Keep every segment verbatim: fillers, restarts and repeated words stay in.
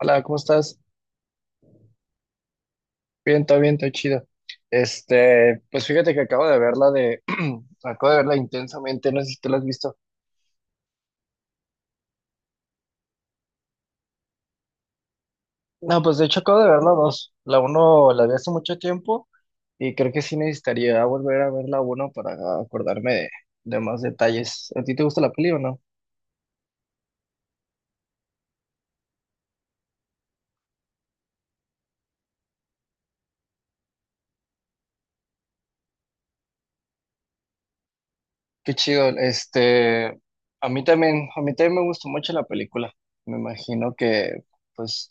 Hola, ¿cómo estás? Bien, todo bien, todo chido. Este, pues fíjate que acabo de verla de, acabo de verla intensamente, no sé si tú la has visto. No, pues de hecho acabo de verla dos. La uno la vi hace mucho tiempo y creo que sí necesitaría volver a ver la uno para acordarme de, de más detalles. ¿A ti te gusta la peli o no? Qué chido. Este, a mí también, a mí también me gustó mucho la película. Me imagino que, pues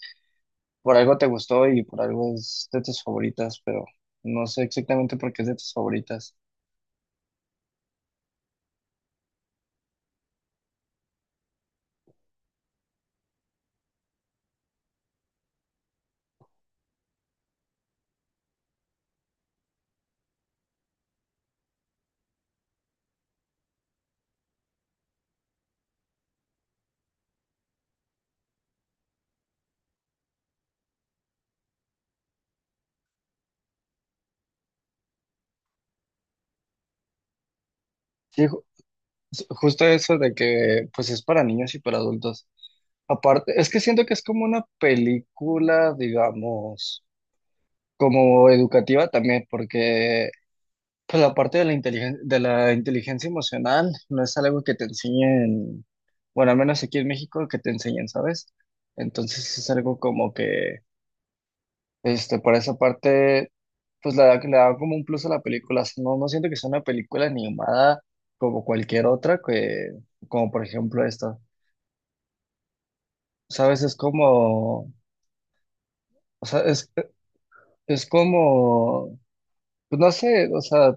por algo te gustó y por algo es de tus favoritas, pero no sé exactamente por qué es de tus favoritas. Sí, ju- justo eso de que pues es para niños y para adultos. Aparte, es que siento que es como una película, digamos, como educativa también, porque pues la parte de la inteligencia, de la inteligencia emocional no es algo que te enseñen, bueno, al menos aquí en México que te enseñen, ¿sabes? Entonces es algo como que. Este, por esa parte, pues le da, le da como un plus a la película. O sea, no, no siento que sea una película animada como cualquier otra, que, como por ejemplo esta. ¿Sabes? Es como, o sea, es, es como, pues no sé, o sea,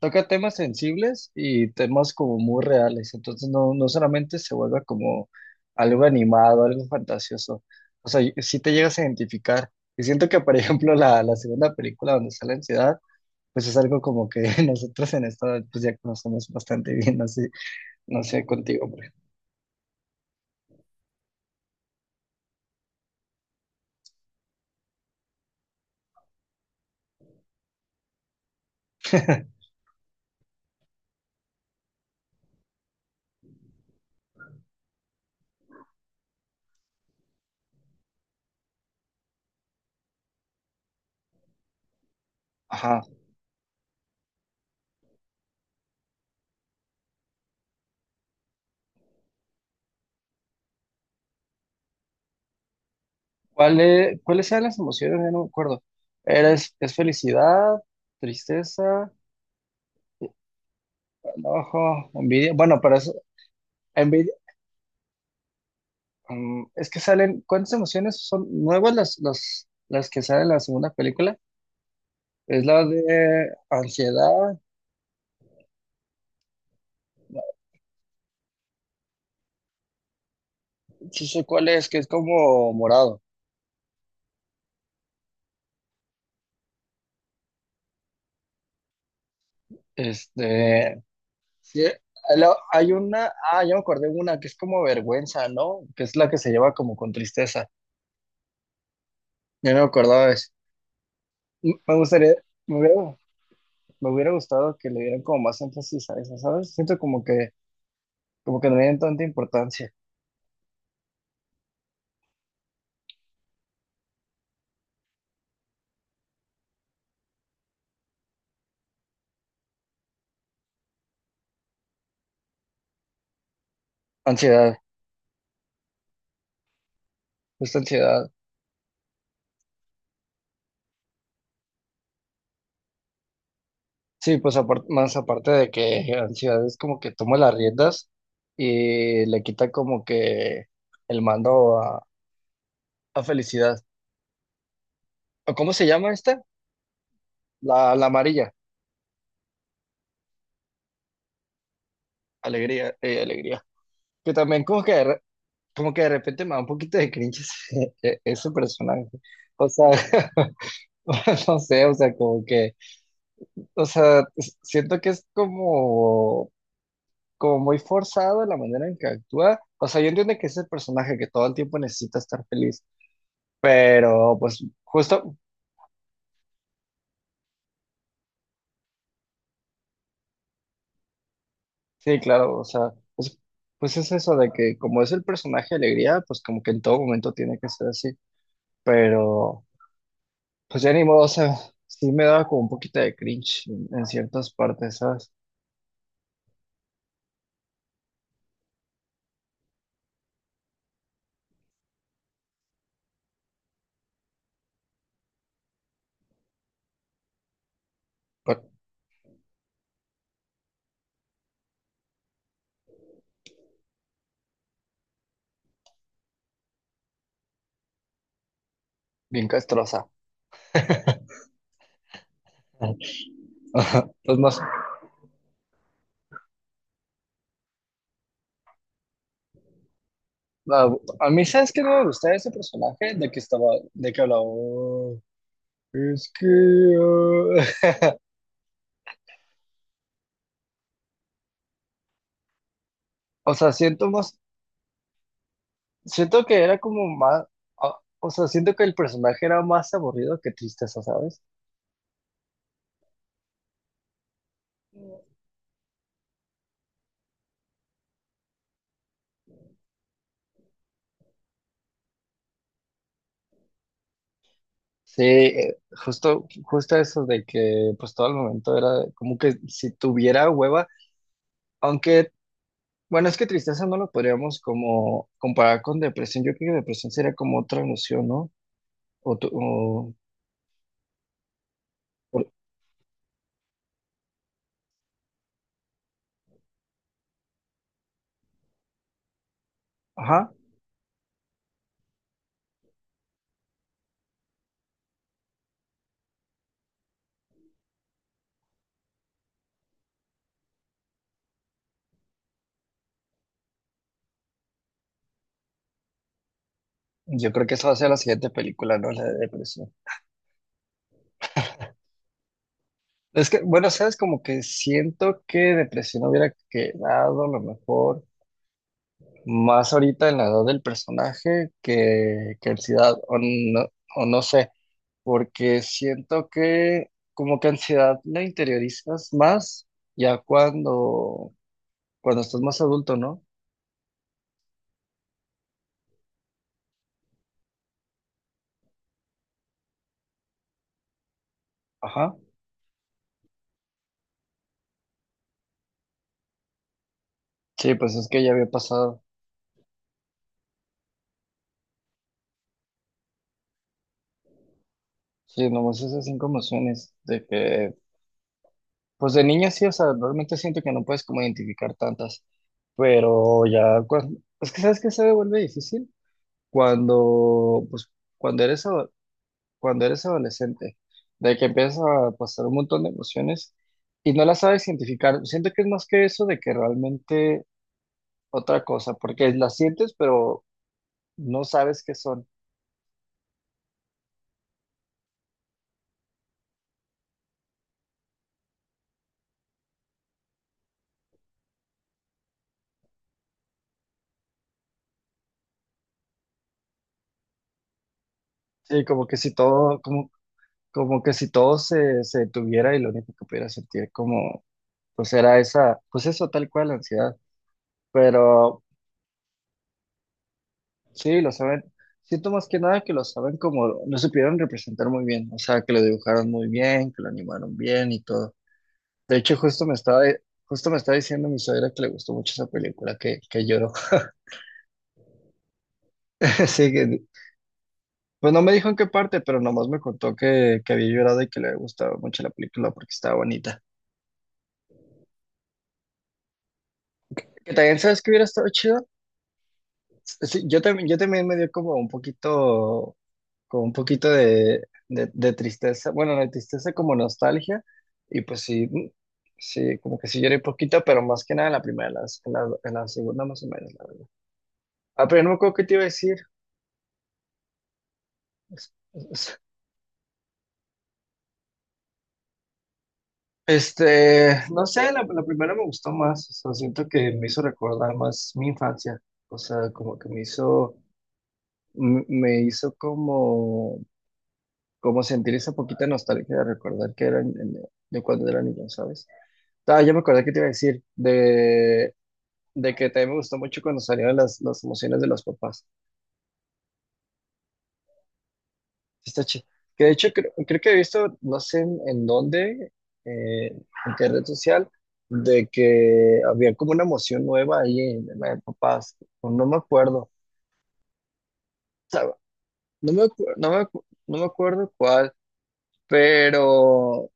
toca temas sensibles y temas como muy reales. Entonces no, no solamente se vuelve como algo animado, algo fantasioso. O sea, si te llegas a identificar. Y siento que, por ejemplo, la, la segunda película donde sale la ansiedad, pues es algo como que nosotros en esto pues ya conocemos bastante bien, no sé, no sé contigo, pero... Ajá. ¿Cuáles cuáles eran las emociones? Ya no me acuerdo. ¿Eres, es felicidad, tristeza, enojo, envidia? Bueno, pero es envidia. Mm, es que salen, ¿cuántas emociones son nuevas las, las, las que salen en la segunda película? Es la de ansiedad. No, sí sé cuál es, que es como morado. Este, Sí, la- hay una, ah, ya me acordé de una que es como vergüenza, ¿no? Que es la que se lleva como con tristeza. Ya no me acordaba de eso. M- Me gustaría, me hubiera, me hubiera gustado que le dieran como más énfasis a esa, ¿sabes? Siento como que, como que no le dieron tanta importancia. Ansiedad, esta ansiedad. Sí, pues aparte, más aparte de que ansiedad es como que toma las riendas y le quita como que el mando a, a felicidad. ¿O Cómo se llama esta? La, la amarilla. Alegría, eh, alegría. Que también como que, de re- como que de repente me da un poquito de cringe ese, e- ese personaje. O sea, no sé, o sea, como que, o sea, s- siento que es como, como muy forzado la manera en que actúa. O sea, yo entiendo que es el personaje que todo el tiempo necesita estar feliz, pero pues justo, sí, claro, o sea, pues, pues es eso de que como es el personaje de alegría, pues como que en todo momento tiene que ser así, pero... Pues ya ni modo, o sea, sí me daba como un poquito de cringe en, en ciertas partes, ¿sabes? Pa- Bien castrosa. Ajá. Pues más, a, a mí, ¿sabes qué no me gustaba ese personaje? De que estaba, de que hablaba, "Oh, es que... ah". O sea, siento más, Siento que era como más, ah, o sea, siento que el personaje era más aburrido que tristeza, ¿sabes? Sí, eh, justo, justo eso de que pues todo el momento era como que si tuviera hueva, aunque... Bueno, es que tristeza no lo podríamos como comparar con depresión. Yo creo que depresión sería como otra emoción, ¿no? O, tu- o- o- Ajá. Yo creo que esa va a ser la siguiente película, ¿no? La de depresión. Es que, bueno, sabes, como que siento que depresión hubiera quedado a lo mejor más ahorita en la edad del personaje que, que ansiedad, o no, o no sé, porque siento que como que ansiedad la interiorizas más ya cuando, cuando estás más adulto, ¿no? Ajá. Sí, pues es que ya había pasado. Sí, nomás esas cinco emociones de que pues de niña sí, o sea, realmente siento que no puedes como identificar tantas, pero ya cuando, es que sabes que se vuelve difícil cuando, pues, cuando eres, ado- cuando eres adolescente, de que empiezas a pasar un montón de emociones y no las sabes identificar. Siento que es más que eso de que realmente otra cosa, porque las sientes, pero no sabes qué son. Sí, como que si todo, como... Como que si todo se, se detuviera y lo único que pudiera sentir como, pues era esa, pues eso tal cual, ansiedad. Pero sí, lo saben, siento más que nada que lo saben como, lo supieron representar muy bien, o sea, que lo dibujaron muy bien, que lo animaron bien y todo. De hecho, justo me estaba, justo me estaba diciendo mi suegra que le gustó mucho esa película, que, que lloró. Sí que, pues no me dijo en qué parte, pero nomás me contó que, que había llorado y que le había gustado mucho la película porque estaba bonita. Que también sabes que hubiera estado chido. Sí, yo también, yo también me dio como un poquito, como un poquito de, de, de tristeza, bueno, de tristeza como nostalgia, y pues sí, mm, sí, como que sí lloré poquito, pero más que nada en la primera, en la, en la, en la segunda más o menos, la verdad. Ah, pero no me acuerdo qué te iba a decir. Es- es- Este, no sé, la, la primera me gustó más, o sea, siento que me hizo recordar más mi infancia, o sea, como que me hizo, m- me hizo como como sentir esa poquita nostalgia de recordar que eran en- de cuando era niño, ¿sabes? Ah, ya me acordé que te iba a decir de, de que también me gustó mucho cuando salieron las, las emociones de los papás. Está chi- Que de hecho creo, creo que he visto, no sé en, en dónde, eh, en qué red social, de que había como una emoción nueva ahí en, en la de papás. No, no me acuerdo. O sea, No me, acu- no me, acu- no me acuerdo cuál, pero...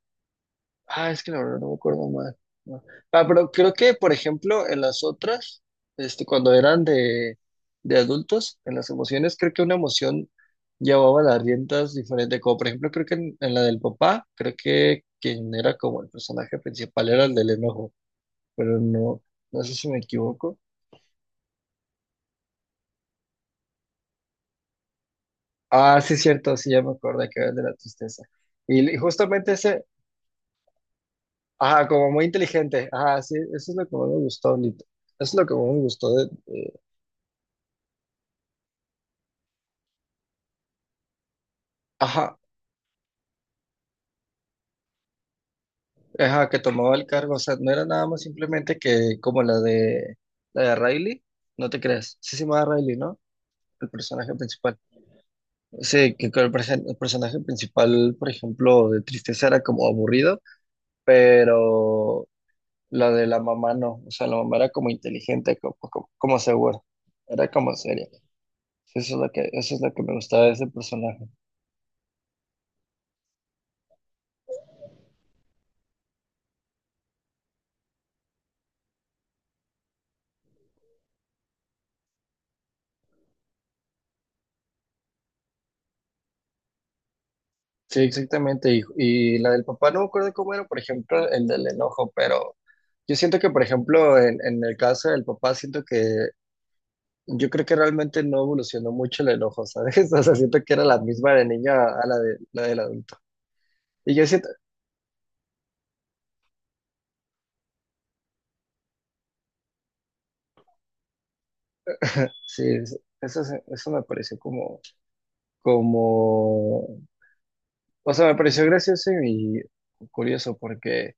Ah, es que la verdad no me acuerdo más. No. Ah, pero creo que, por ejemplo, en las otras, este, cuando eran de, de adultos, en las emociones, creo que una emoción llevaba las riendas diferentes. Como por ejemplo, creo que en, en la del papá, creo que quien era como el personaje principal era el del enojo, pero no, no sé si me equivoco. Ah, sí, es cierto, sí, ya me acuerdo que era el de la tristeza. Y, y justamente ese, ajá, como muy inteligente, ajá, sí, eso es lo que más me gustó, Nito. Eso es lo que más me gustó de, de- Ajá, ajá, que tomaba el cargo, o sea, no era nada más simplemente que como la de la de Riley, no te creas, sí se llamaba Riley, ¿no? El personaje principal. Sí, que que el, perso- el personaje principal, por ejemplo, de Tristeza era como aburrido, pero la de la mamá no, o sea, la mamá era como inteligente, como, como, como segura, era como seria. Eso es lo que, eso es lo que me gustaba de ese personaje. Sí, exactamente. Y, y la del papá, no me acuerdo cómo era, por ejemplo, el del enojo, pero yo siento que, por ejemplo, en, en el caso del papá, siento que yo creo que realmente no evolucionó mucho el enojo, ¿sabes? O sea, siento que era la misma de niña a la, de, la del adulto. Y yo siento, sí, es- eso, se- eso me pareció como, como, o sea, me pareció gracioso y curioso porque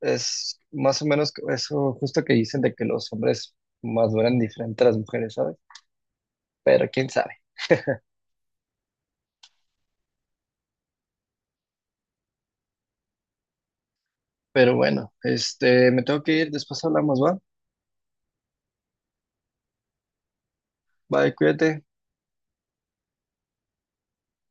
es más o menos eso justo que dicen de que los hombres maduran diferente a las mujeres, ¿sabes? Pero quién sabe. Pero bueno, este, me tengo que ir, después hablamos, ¿va? Bye, cuídate.